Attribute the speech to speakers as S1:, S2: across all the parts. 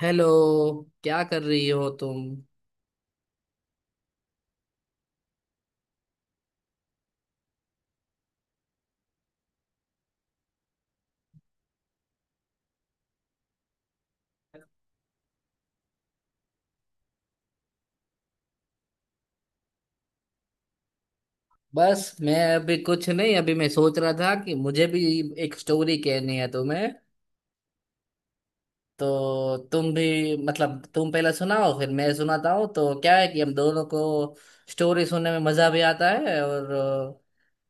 S1: Hello. क्या कर रही हो तुम? बस मैं अभी कुछ नहीं, अभी मैं सोच रहा था कि मुझे भी एक स्टोरी कहनी है तुम्हें। तो तुम भी, मतलब तुम पहले सुनाओ फिर मैं सुनाता हूँ। तो क्या है कि हम दोनों को स्टोरी सुनने में मजा भी आता है, और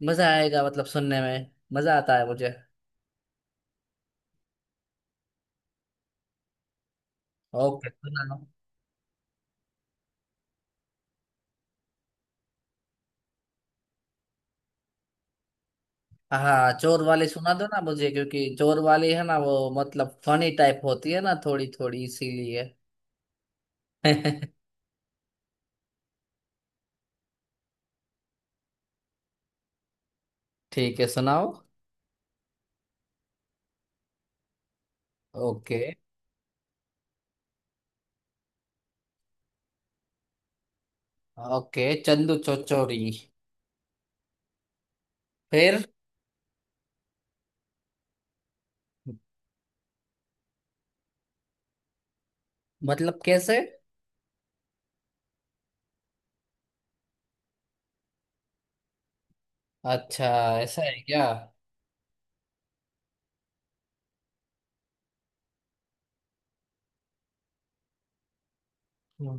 S1: मजा आएगा, मतलब सुनने में मजा आता है मुझे। ओके, सुनाओ। हाँ, चोर वाली सुना दो ना मुझे, क्योंकि चोर वाली है ना वो, मतलब फनी टाइप होती है ना थोड़ी थोड़ी, इसीलिए। ठीक है, सुनाओ। ओके। ओके, चंदू चौचौरी। फिर? मतलब कैसे? अच्छा। ऐसा है क्या?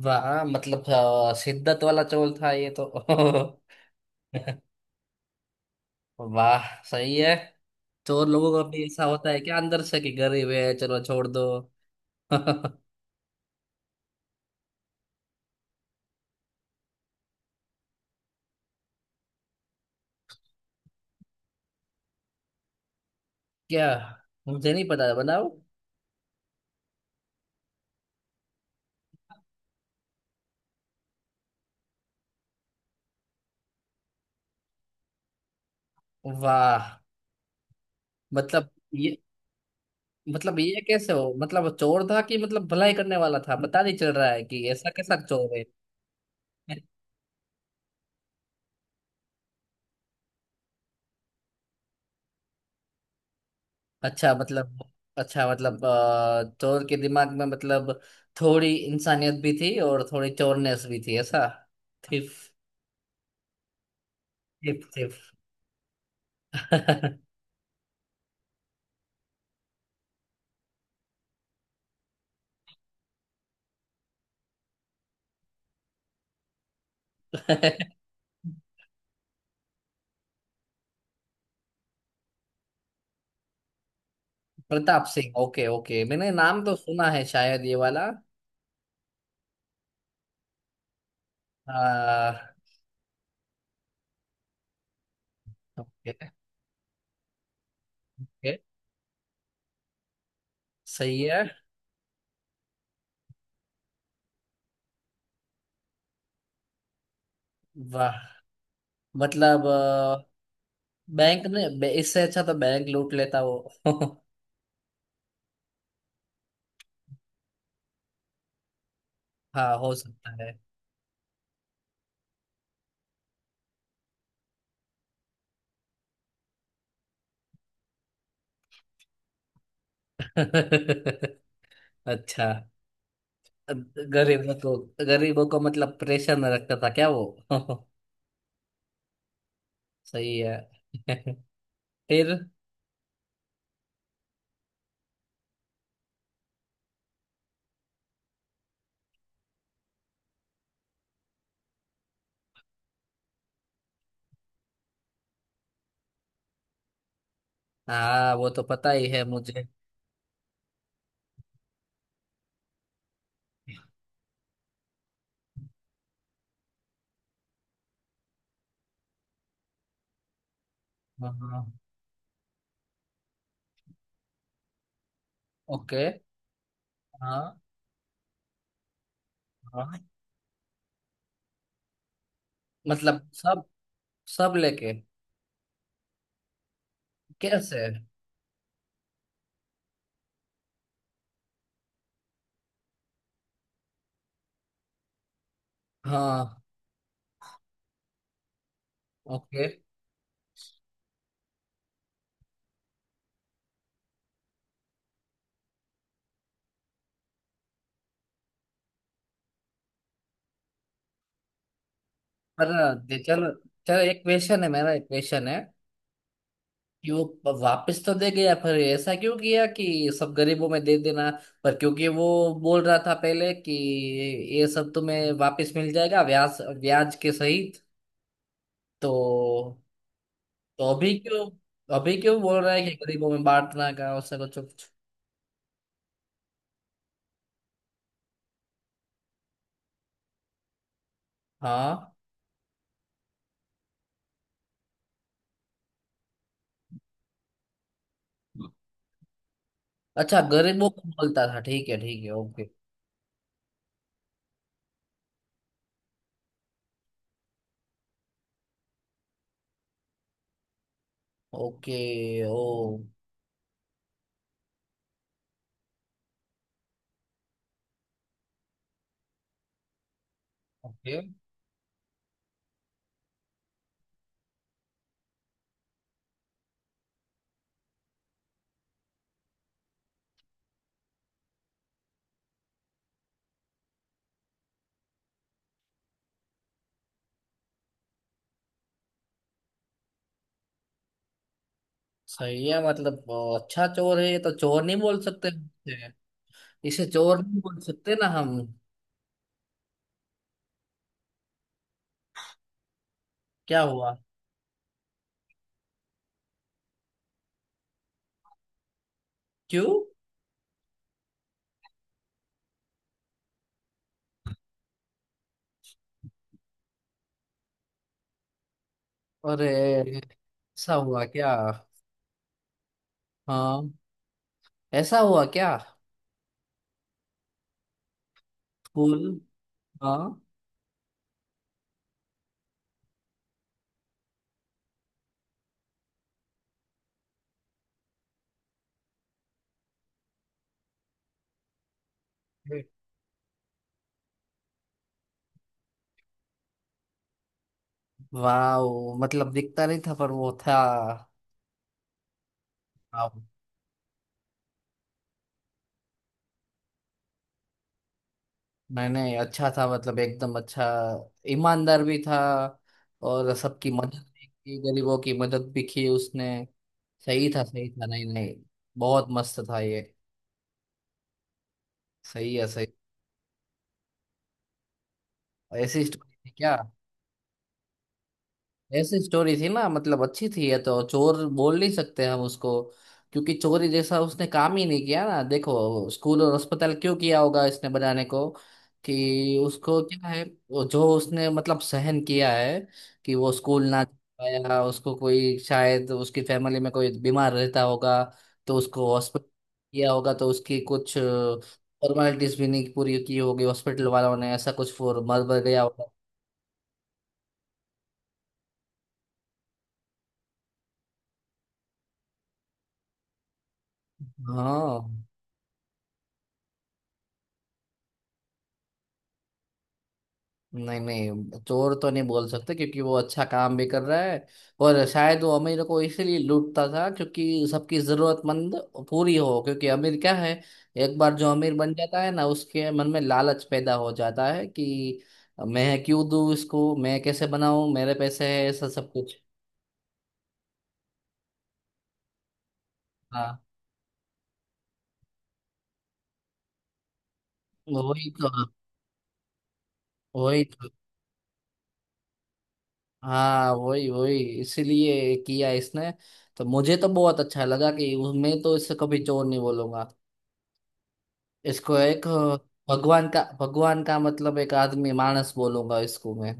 S1: वाह, मतलब शिद्दत वाला चोर था ये तो। वाह, सही है। चोर लोगों का भी ऐसा होता है क्या अंदर से, कि गरीब है चलो छोड़ दो? क्या? मुझे नहीं पता, बनाओ। वाह। मतलब ये, मतलब ये कैसे हो? मतलब चोर था कि मतलब भलाई करने वाला था, पता नहीं चल रहा है कि ऐसा कैसा चोर है। अच्छा, मतलब। अच्छा, मतलब चोर के दिमाग में, मतलब थोड़ी इंसानियत भी थी और थोड़ी चोरनेस भी थी, ऐसा। Thief. Thief thief. Pratap Singh? Okay okay, मैंने नाम तो सुना है शायद ये वाला। हाँ। ओके। ओके, सही है। वाह, मतलब बैंक ने इससे अच्छा तो बैंक लूट लेता वो। हाँ, हो सकता है। अच्छा। गरीबों को? गरीबों को मतलब प्रेशर में रखता था क्या वो? सही है। फिर? हाँ, वो तो पता ही है मुझे। हाँ हाँ। ओके। हाँ। हाँ, मतलब सब। सब लेके। कैसे? हाँ। ओके। पर चलो, चलो, एक क्वेश्चन है मेरा, एक क्वेश्चन है। कि वो वापस तो दे गया, पर ऐसा क्यों किया कि सब गरीबों में दे देना? पर क्योंकि वो बोल रहा था पहले कि ये सब तुम्हें वापस मिल जाएगा, ब्याज ब्याज के सही। तो तो अभी क्यों? अभी क्यों बोल रहा है कि गरीबों में बांटना का, उससे कुछ कुछ। हाँ। अच्छा, गरीबों को बोलता था, ठीक है ठीक है, ओके। ओके, ओ। ओके, सही है। मतलब अच्छा चोर है ये तो, चोर नहीं बोल सकते इसे। इसे चोर नहीं बोल सकते ना हम। क्या हुआ? क्यों? अरे, ऐसा हुआ क्या? हाँ। ऐसा हुआ क्या? स्कूल। हाँ। वाह, मतलब दिखता नहीं था पर वो था। हाँ। नहीं नहीं, अच्छा था, मतलब एकदम अच्छा। ईमानदार भी था और सबकी मदद भी की, गरीबों की मदद भी की उसने। सही था सही था, नहीं नहीं, बहुत मस्त था ये। सही है, सही। ऐसी स्टोरी थी क्या? ऐसी स्टोरी थी ना, मतलब अच्छी थी। ये तो चोर बोल नहीं सकते हम उसको, क्योंकि चोरी जैसा उसने काम ही नहीं किया ना। देखो, स्कूल और अस्पताल क्यों किया होगा इसने बनाने को? कि उसको क्या है, वो जो उसने मतलब सहन किया है, कि वो स्कूल ना जा पाया उसको, कोई शायद उसकी फैमिली में कोई बीमार रहता होगा, तो उसको हॉस्पिटल किया होगा, तो उसकी कुछ फॉर्मेलिटीज भी नहीं पूरी की होगी हॉस्पिटल वालों ने, ऐसा कुछ फॉर मर मर गया होगा। हाँ। नहीं नहीं, चोर तो नहीं बोल सकते क्योंकि वो अच्छा काम भी कर रहा है। और शायद वो अमीर को इसीलिए लूटता था क्योंकि सबकी जरूरतमंद पूरी हो, क्योंकि अमीर क्या है, एक बार जो अमीर बन जाता है ना उसके मन में लालच पैदा हो जाता है कि मैं क्यों दूं इसको, मैं कैसे बनाऊं, मेरे पैसे है, ऐसा सब कुछ। हाँ, वही तो वही तो। हाँ, वही वही इसीलिए किया इसने। तो मुझे तो बहुत अच्छा लगा कि मैं तो इससे कभी चोर नहीं बोलूंगा इसको। एक भगवान का मतलब एक आदमी, मानस बोलूंगा इसको मैं।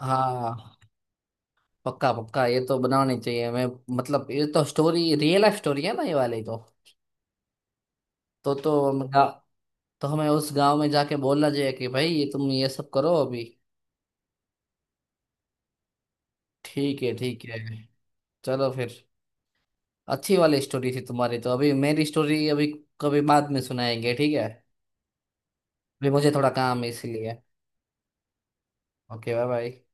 S1: हाँ। पक्का पक्का ये तो बनानी चाहिए। मैं मतलब ये तो स्टोरी, रियल लाइफ स्टोरी है ना ये वाली तो। तो तो हमें उस गांव में जाके बोलना चाहिए कि भाई ये, तुम ये सब करो अभी। ठीक है ठीक है। चलो फिर। अच्छी वाली स्टोरी थी तुम्हारी। तो अभी मेरी स्टोरी अभी, कभी बाद में सुनाएंगे, ठीक है? अभी मुझे थोड़ा काम है इसलिए। Okay, bye bye.